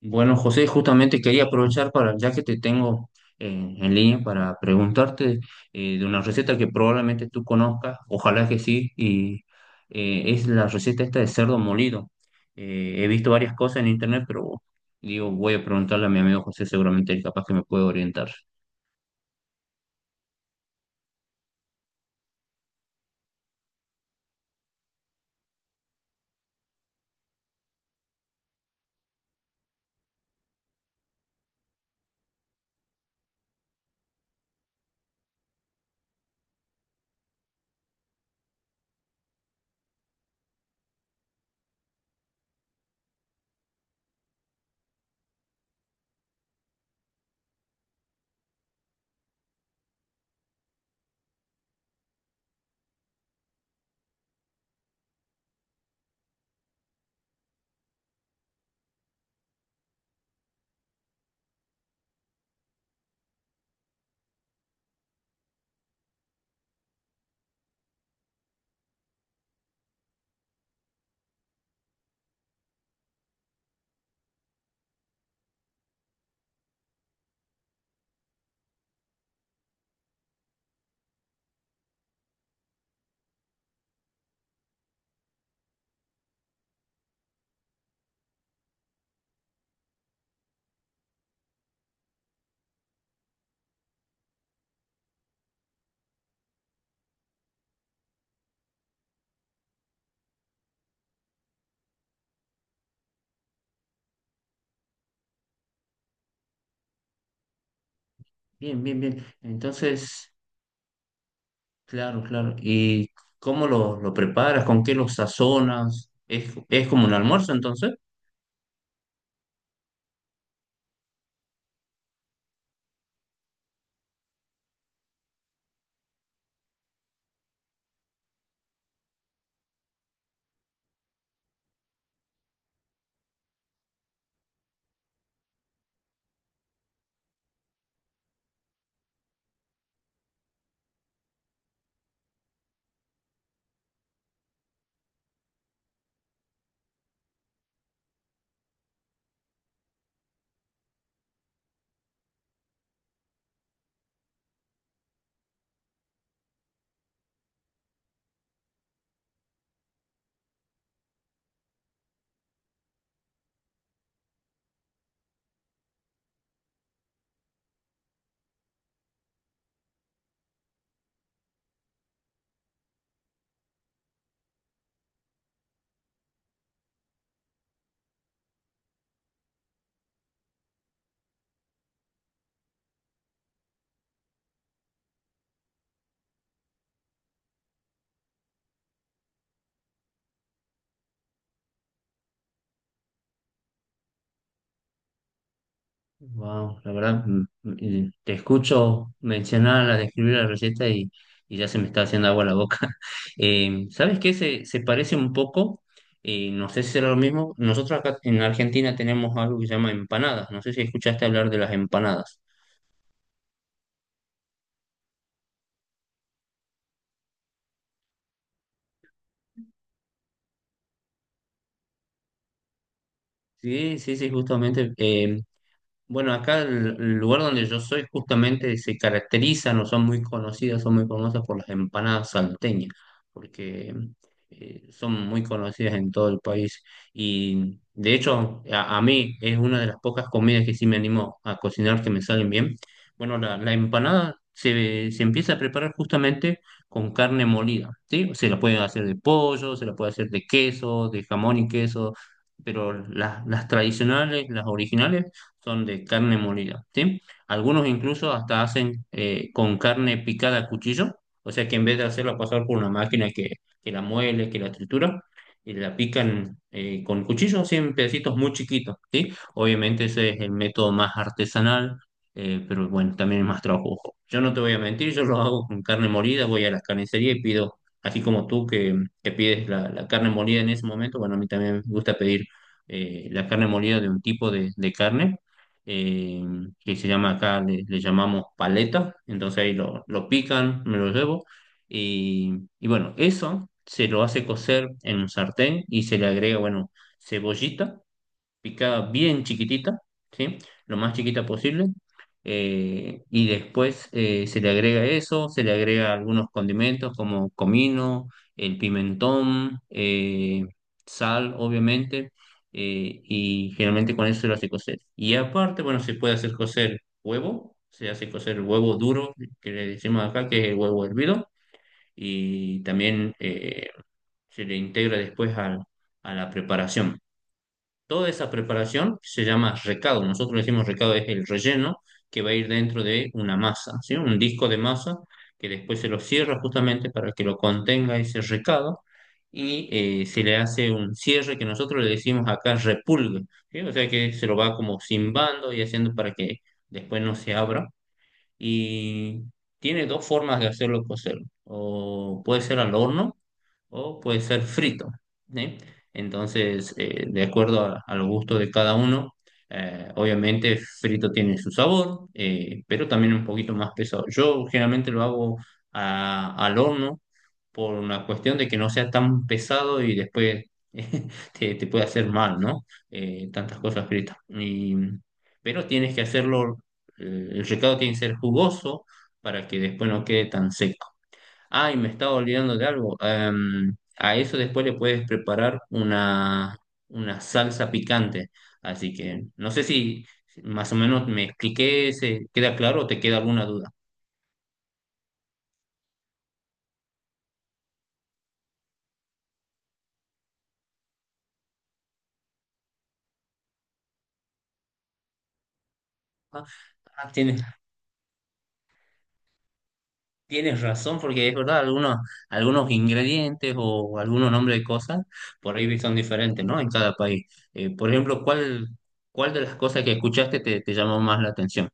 Bueno, José, justamente quería aprovechar para, ya que te tengo en línea, para preguntarte de una receta que probablemente tú conozcas, ojalá que sí, y es la receta esta de cerdo molido. He visto varias cosas en internet, pero digo, voy a preguntarle a mi amigo José, seguramente él capaz que me puede orientar. Bien, bien, bien. Entonces, claro, claro. ¿Y cómo lo preparas? ¿Con qué lo sazonas? Es como un almuerzo entonces? Wow, la verdad, te escucho mencionar, la describir la receta y ya se me está haciendo agua la boca. ¿Sabes qué? Se parece un poco, no sé si será lo mismo. Nosotros acá en Argentina tenemos algo que se llama empanadas. No sé si escuchaste hablar de las empanadas. Sí, sí, sí, justamente. Bueno, acá el lugar donde yo soy justamente se caracterizan o son muy conocidas, son muy famosas por las empanadas salteñas, porque son muy conocidas en todo el país. Y de hecho, a mí es una de las pocas comidas que sí me animo a cocinar que me salen bien. Bueno, la empanada se, se empieza a preparar justamente con carne molida, ¿sí? Se la pueden hacer de pollo, se la puede hacer de queso, de jamón y queso, pero las tradicionales, las originales son de carne molida, ¿sí? Algunos incluso hasta hacen con carne picada a cuchillo, o sea que en vez de hacerla pasar por una máquina que la muele, que la tritura, y la pican con cuchillo, así en pedacitos muy chiquitos, ¿sí? Obviamente ese es el método más artesanal, pero bueno, también es más trabajoso. Yo no te voy a mentir, yo lo hago con carne molida, voy a la carnicería y pido, así como tú que pides la carne molida en ese momento, bueno, a mí también me gusta pedir la carne molida de un tipo de carne eh, que se llama acá, le llamamos paleta, entonces ahí lo pican, me lo llevo, y, y bueno, eso se lo hace cocer en un sartén y se le agrega, bueno, cebollita picada bien chiquitita, ¿sí? Lo más chiquita posible. Y después se le agrega eso, se le agrega algunos condimentos como comino, el pimentón, sal, obviamente, y generalmente con eso se lo hace cocer. Y aparte, bueno, se puede hacer cocer huevo, se hace cocer el huevo duro, que le decimos acá, que es el huevo hervido, y también se le integra después a la preparación. Toda esa preparación se llama recado. Nosotros le decimos recado, es el relleno que va a ir dentro de una masa, ¿sí? Un disco de masa que después se lo cierra justamente para que lo contenga ese recado y se le hace un cierre que nosotros le decimos acá repulgue, ¿sí? O sea que se lo va como cimbando y haciendo para que después no se abra. Y tiene dos formas de hacerlo cocer. O puede ser al horno o puede ser frito, ¿sí? Entonces, de acuerdo al gusto de cada uno, obviamente frito tiene su sabor, pero también un poquito más pesado. Yo generalmente lo hago al horno por una cuestión de que no sea tan pesado y después te puede hacer mal, ¿no? Tantas cosas fritas. Pero tienes que hacerlo, el recado tiene que ser jugoso para que después no quede tan seco. Ay, me estaba olvidando de algo. A eso después le puedes preparar una salsa picante. Así que no sé si si más o menos me expliqué, se queda claro o te queda alguna duda. Ah, ah, tienes, tienes razón, porque es verdad, algunos, algunos ingredientes o algunos nombres de cosas por ahí son diferentes, ¿no? En cada país. Por ejemplo, ¿cuál, cuál de las cosas que escuchaste te, te llamó más la atención?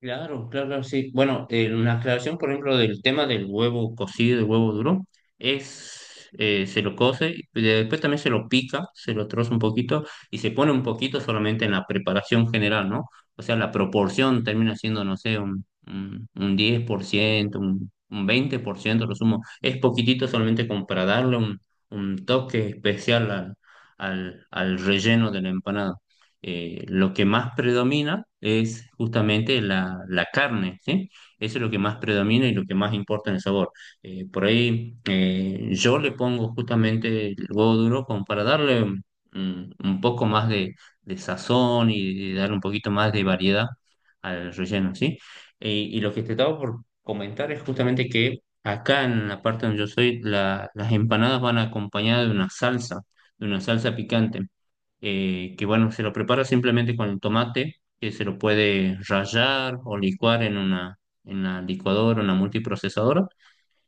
Claro, claro, sí. Bueno, una aclaración, por ejemplo, del tema del huevo cocido, del huevo duro, es, se lo cose, y después también se lo pica, se lo troza un poquito y se pone un poquito solamente en la preparación general, ¿no? O sea, la proporción termina siendo, no sé, un 10%, un 20%, lo sumo. Es poquitito solamente como para darle un toque especial al, al, al relleno de la empanada lo que más predomina es justamente la carne, ¿sí? Eso es lo que más predomina y lo que más importa en el sabor. Por ahí yo le pongo justamente el huevo duro como para darle un poco más de sazón y de darle un poquito más de variedad al relleno, ¿sí? Y lo que te estaba por comentar es justamente que acá en la parte donde yo soy, las empanadas van acompañadas de una salsa picante que bueno, se lo prepara simplemente con tomate, que se lo puede rallar o licuar en una, en la licuadora, una multiprocesadora,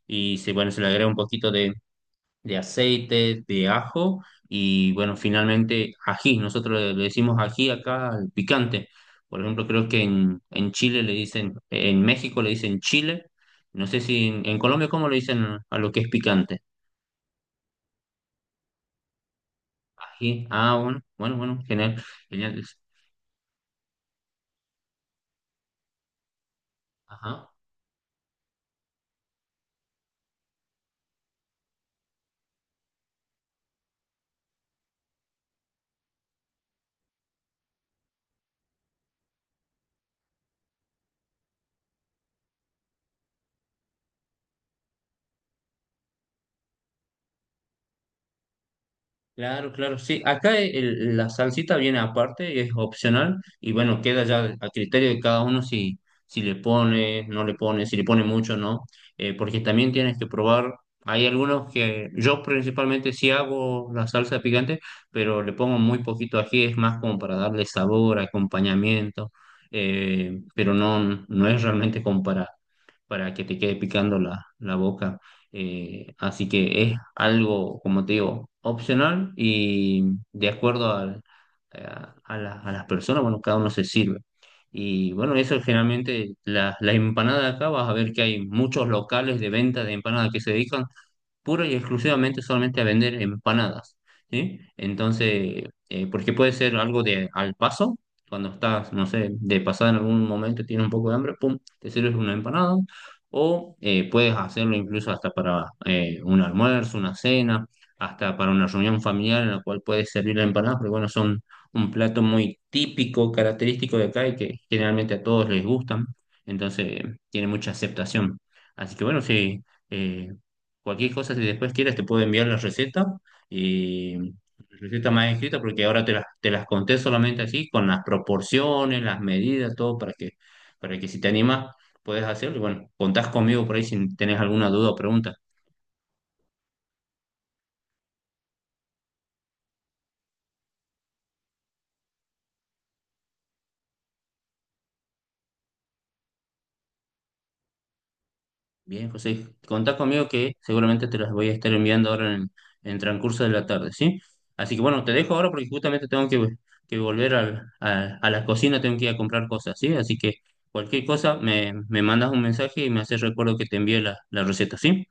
y se, bueno, se le agrega un poquito de aceite, de ajo, y bueno, finalmente ají, nosotros le decimos ají acá al picante, por ejemplo, creo que en Chile le dicen, en México le dicen chile, no sé si en, en Colombia cómo le dicen a lo que es picante. Ají, ah, bueno, bueno, bueno, genial, genial. Ajá. Claro, claro, sí. Acá la salsita viene aparte, es opcional y bueno, queda ya a criterio de cada uno si, si le pone, no le pone, si le pone mucho no, Porque también tienes que probar. Hay algunos que yo principalmente sí hago la salsa picante, pero le pongo muy poquito ají, es más como para darle sabor, acompañamiento, pero no, no es realmente comparable para que te quede picando la boca. Así que es algo, como te digo, opcional y de acuerdo a, a las personas, bueno, cada uno se sirve. Y bueno, eso generalmente, la empanada acá, vas a ver que hay muchos locales de venta de empanadas que se dedican puro y exclusivamente solamente a vender empanadas, ¿sí? Entonces, porque puede ser algo de al paso, cuando estás, no sé, de pasada en algún momento tienes un poco de hambre, pum, te sirves una empanada, o puedes hacerlo incluso hasta para un almuerzo, una cena, hasta para una reunión familiar en la cual puedes servir la empanada, pero bueno, son un plato muy típico, característico de acá y que generalmente a todos les gustan, entonces tiene mucha aceptación. Así que bueno, sí eh, cualquier cosa, si después quieres, te puedo enviar la receta y la receta más escrita, porque ahora te las conté solamente así, con las proporciones, las medidas, todo, para que si te animas, puedes hacerlo. Y bueno, contás conmigo por ahí si tenés alguna duda o pregunta. Bien, José, contá conmigo que seguramente te las voy a estar enviando ahora en transcurso de la tarde, ¿sí? Así que bueno, te dejo ahora porque justamente tengo que volver a la cocina, tengo que ir a comprar cosas, ¿sí? Así que cualquier cosa me, me mandas un mensaje y me haces recuerdo que te envíe la, la receta, ¿sí?